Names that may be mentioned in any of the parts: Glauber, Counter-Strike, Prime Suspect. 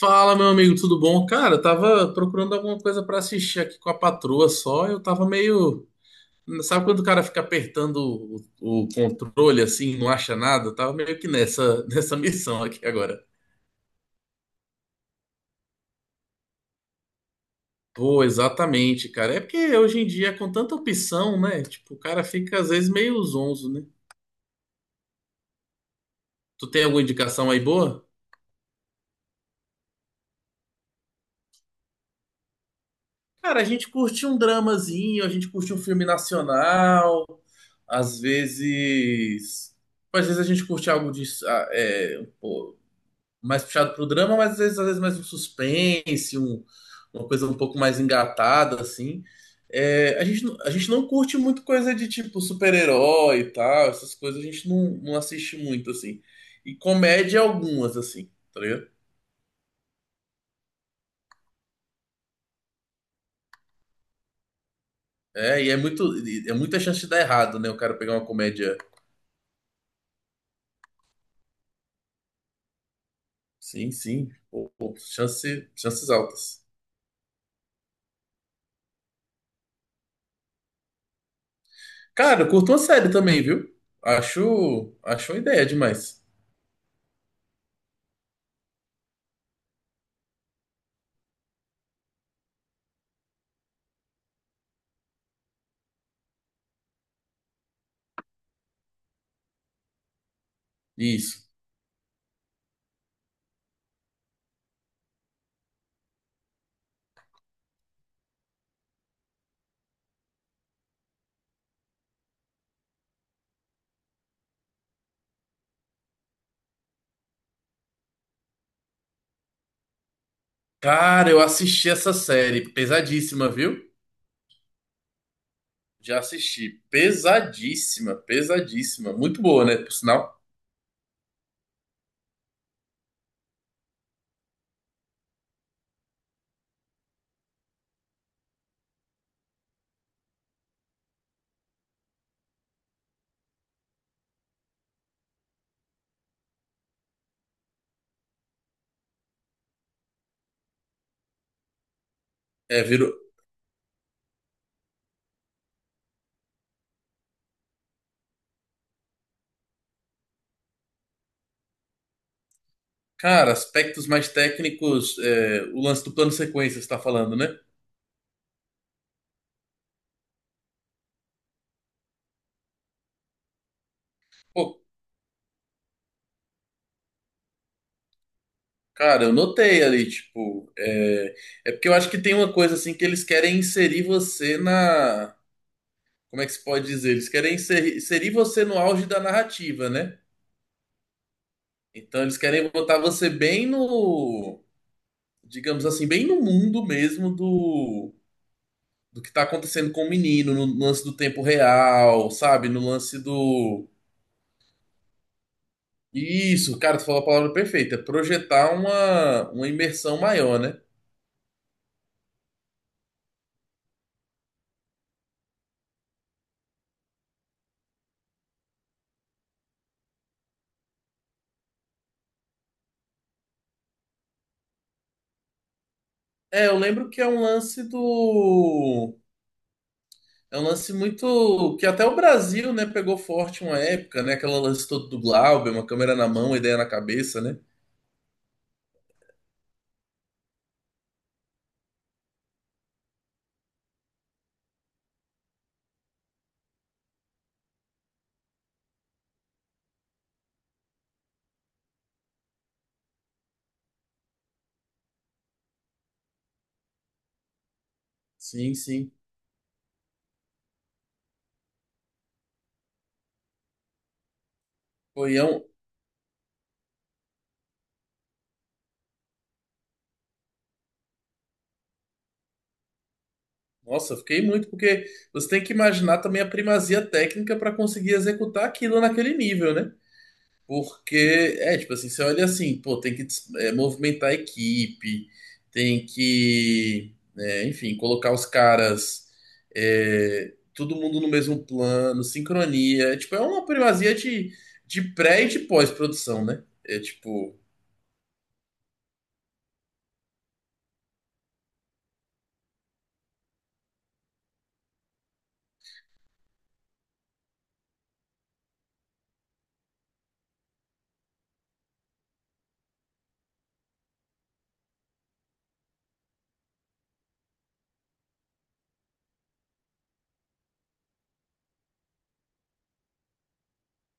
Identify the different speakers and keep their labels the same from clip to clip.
Speaker 1: Fala, meu amigo, tudo bom? Cara, eu tava procurando alguma coisa pra assistir aqui com a patroa só. Eu tava meio. Sabe quando o cara fica apertando o controle assim, não acha nada? Eu tava meio que nessa, nessa missão aqui agora. Pô, exatamente, cara. É porque hoje em dia, com tanta opção, né? Tipo, o cara fica às vezes meio zonzo, né? Tu tem alguma indicação aí boa? Cara, a gente curte um dramazinho, a gente curte um filme nacional, às vezes. Às vezes a gente curte algo de, ah, é, um pô, mais puxado pro drama, mas às vezes mais um suspense, uma coisa um pouco mais engatada, assim. É, a gente não curte muito coisa de tipo super-herói e tal, essas coisas a gente não assiste muito, assim. E comédia algumas, assim, tá ligado? É, e é muita chance de dar errado, né? O cara pegar uma comédia. Sim, sim. Chance, chances altas. Cara, eu curto uma série também, viu? Acho uma ideia demais. Isso. Cara, eu assisti essa série. Pesadíssima, viu? Já assisti. Pesadíssima, pesadíssima. Muito boa, né? Por sinal. É, virou. Cara, aspectos mais técnicos, é, o lance do plano sequência, você tá falando, né? Pô, cara, eu notei ali, tipo. É, é porque eu acho que tem uma coisa assim que eles querem inserir você na como é que se pode dizer? Eles querem inserir você no auge da narrativa, né? Então eles querem botar você bem no, digamos assim, bem no mundo mesmo do, do que tá acontecendo com o menino, no lance do tempo real, sabe? No lance do. Isso, cara, tu falou a palavra perfeita. Projetar uma imersão maior, né? É, eu lembro que é um lance do. É um lance muito. Que até o Brasil, né, pegou forte uma época, né? Aquela lance todo do Glauber, uma câmera na mão, uma ideia na cabeça, né? Sim, sim. Pô, é um... Nossa, eu fiquei muito, porque você tem que imaginar também a primazia técnica para conseguir executar aquilo naquele nível, né? Porque, é, tipo assim, você olha assim, pô, tem que é, movimentar a equipe, tem que, é, enfim, colocar os caras, é, todo mundo no mesmo plano, sincronia. É, tipo, é uma primazia de pré e de pós-produção, né? É tipo,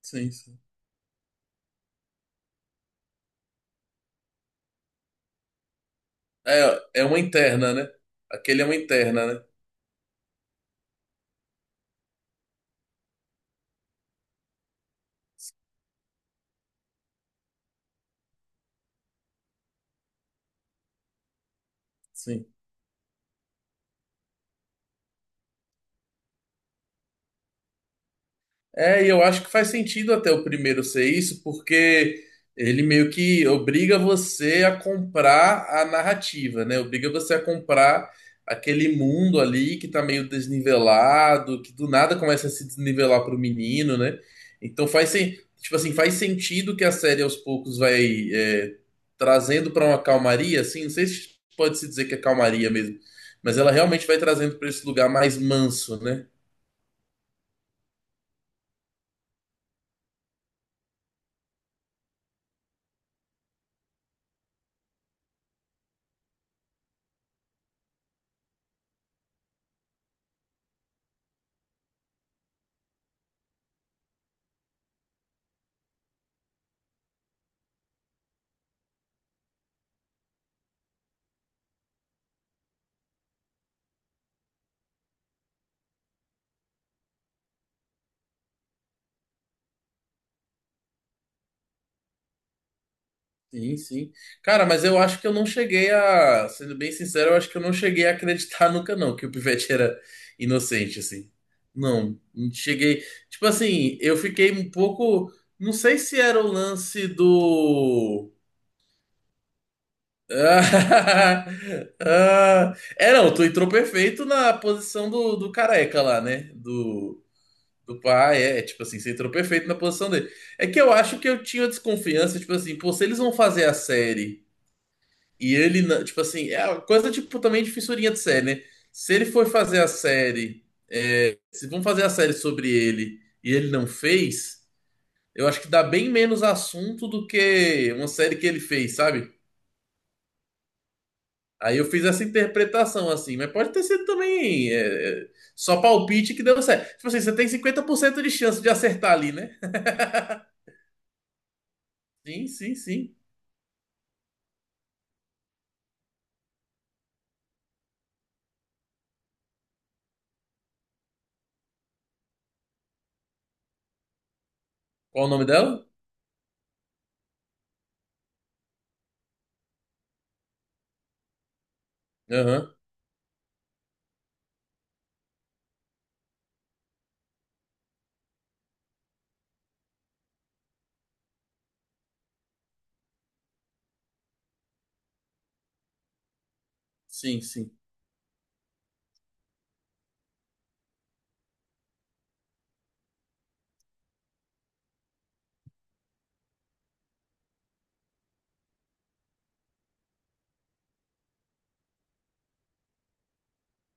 Speaker 1: sim, sim. É, é uma interna, né? Aquele é uma interna, né? Sim. É, e eu acho que faz sentido até o primeiro ser isso, porque ele meio que obriga você a comprar a narrativa, né? Obriga você a comprar aquele mundo ali que tá meio desnivelado, que do nada começa a se desnivelar pro menino, né? Então tipo assim, faz sentido que a série aos poucos vai é, trazendo para uma calmaria, assim, não sei se pode se dizer que é calmaria mesmo, mas ela realmente vai trazendo para esse lugar mais manso, né? Sim, sim. Cara, mas eu acho que eu não cheguei a, sendo bem sincero, eu acho que eu não cheguei a acreditar nunca não que o Pivete era inocente assim. Não, não cheguei. Tipo assim, eu fiquei um pouco, não sei se era o lance do. Ah, ah. É, não, tu entrou perfeito na posição do, do careca lá, né? Do. Do pai, é, tipo assim, você entrou perfeito na posição dele. É que eu acho que eu tinha desconfiança, tipo assim, pô, se eles vão fazer a série. E ele, tipo assim, é uma coisa tipo também de fissurinha de série, né? Se ele for fazer a série, se vão fazer a série sobre ele e ele não fez, eu acho que dá bem menos assunto do que uma série que ele fez, sabe? Aí eu fiz essa interpretação assim, mas pode ter sido também só palpite que deu certo. Tipo assim, você tem 50% de chance de acertar ali, né? Sim, sim, sim. Qual o nome dela? Aham. Sim, sim.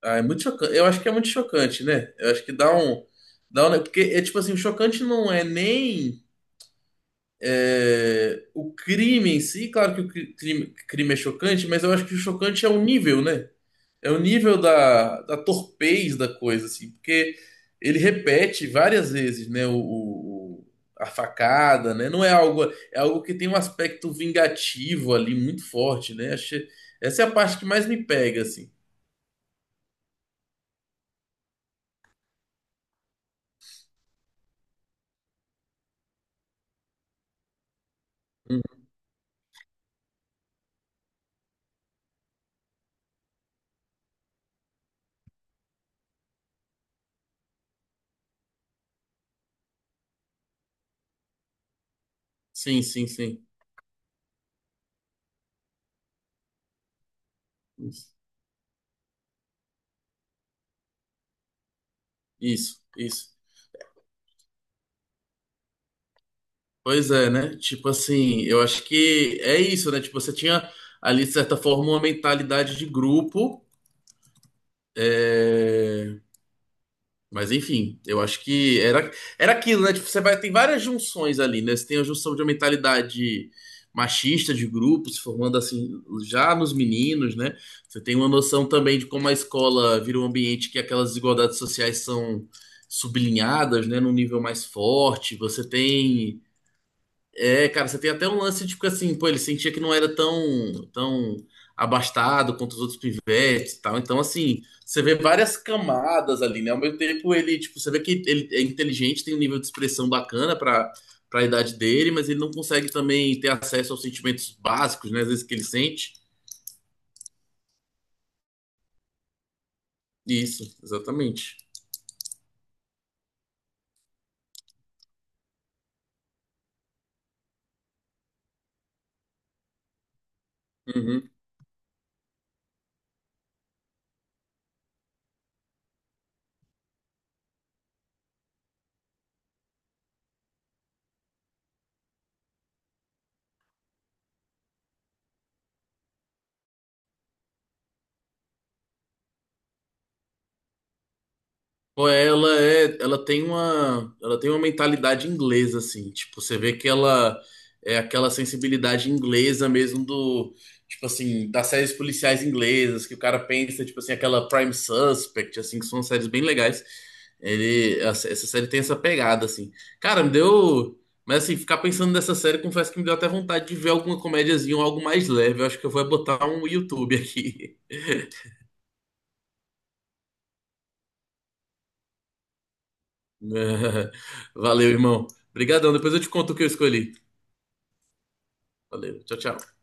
Speaker 1: Ah, é muito chocante. Eu acho que é muito chocante, né? Eu acho que dá um. Dá um... Porque é tipo assim, o chocante não é nem é, o crime em si, claro que o crime, crime é chocante, mas eu acho que o chocante é o nível, né? É o nível da, da torpez da coisa, assim, porque ele repete várias vezes, né? A facada, né? Não é algo. É algo que tem um aspecto vingativo ali muito forte, né? Achei... Essa é a parte que mais me pega, assim. Uhum. Sim, sim, sim. Isso, isso. Pois é, né? Tipo assim, eu acho que é isso, né? Tipo, você tinha ali, de certa forma, uma mentalidade de grupo. É, Mas enfim, eu acho que era, era aquilo, né? Tipo, você vai, tem várias junções ali, né? Você tem a junção de uma mentalidade machista de grupo, se formando assim já nos meninos, né? Você tem uma noção também de como a escola vira um ambiente que aquelas desigualdades sociais são sublinhadas, né? Num nível mais forte. Você tem. É, cara, você tem até um lance, tipo assim, pô, ele sentia que não era tão abastado quanto os outros pivetes e tal. Então, assim, você vê várias camadas ali, né? Ao mesmo tempo, ele, tipo, você vê que ele é inteligente, tem um nível de expressão bacana pra, pra idade dele, mas ele não consegue também ter acesso aos sentimentos básicos, né? Às vezes que ele sente. Isso, exatamente. Uhum. Pô, é, ela é, ela tem uma mentalidade inglesa assim, tipo, você vê que ela é aquela sensibilidade inglesa mesmo do, tipo assim, das séries policiais inglesas, que o cara pensa, tipo assim, aquela Prime Suspect, assim, que são séries bem legais. Ele, essa série tem essa pegada assim. Cara, me deu, mas assim, ficar pensando nessa série, confesso que me deu até vontade de ver alguma comédiazinha ou algo mais leve. Eu acho que eu vou botar um YouTube aqui. Valeu, irmão. Obrigadão. Depois eu te conto o que eu escolhi. Valeu. Tchau, tchau.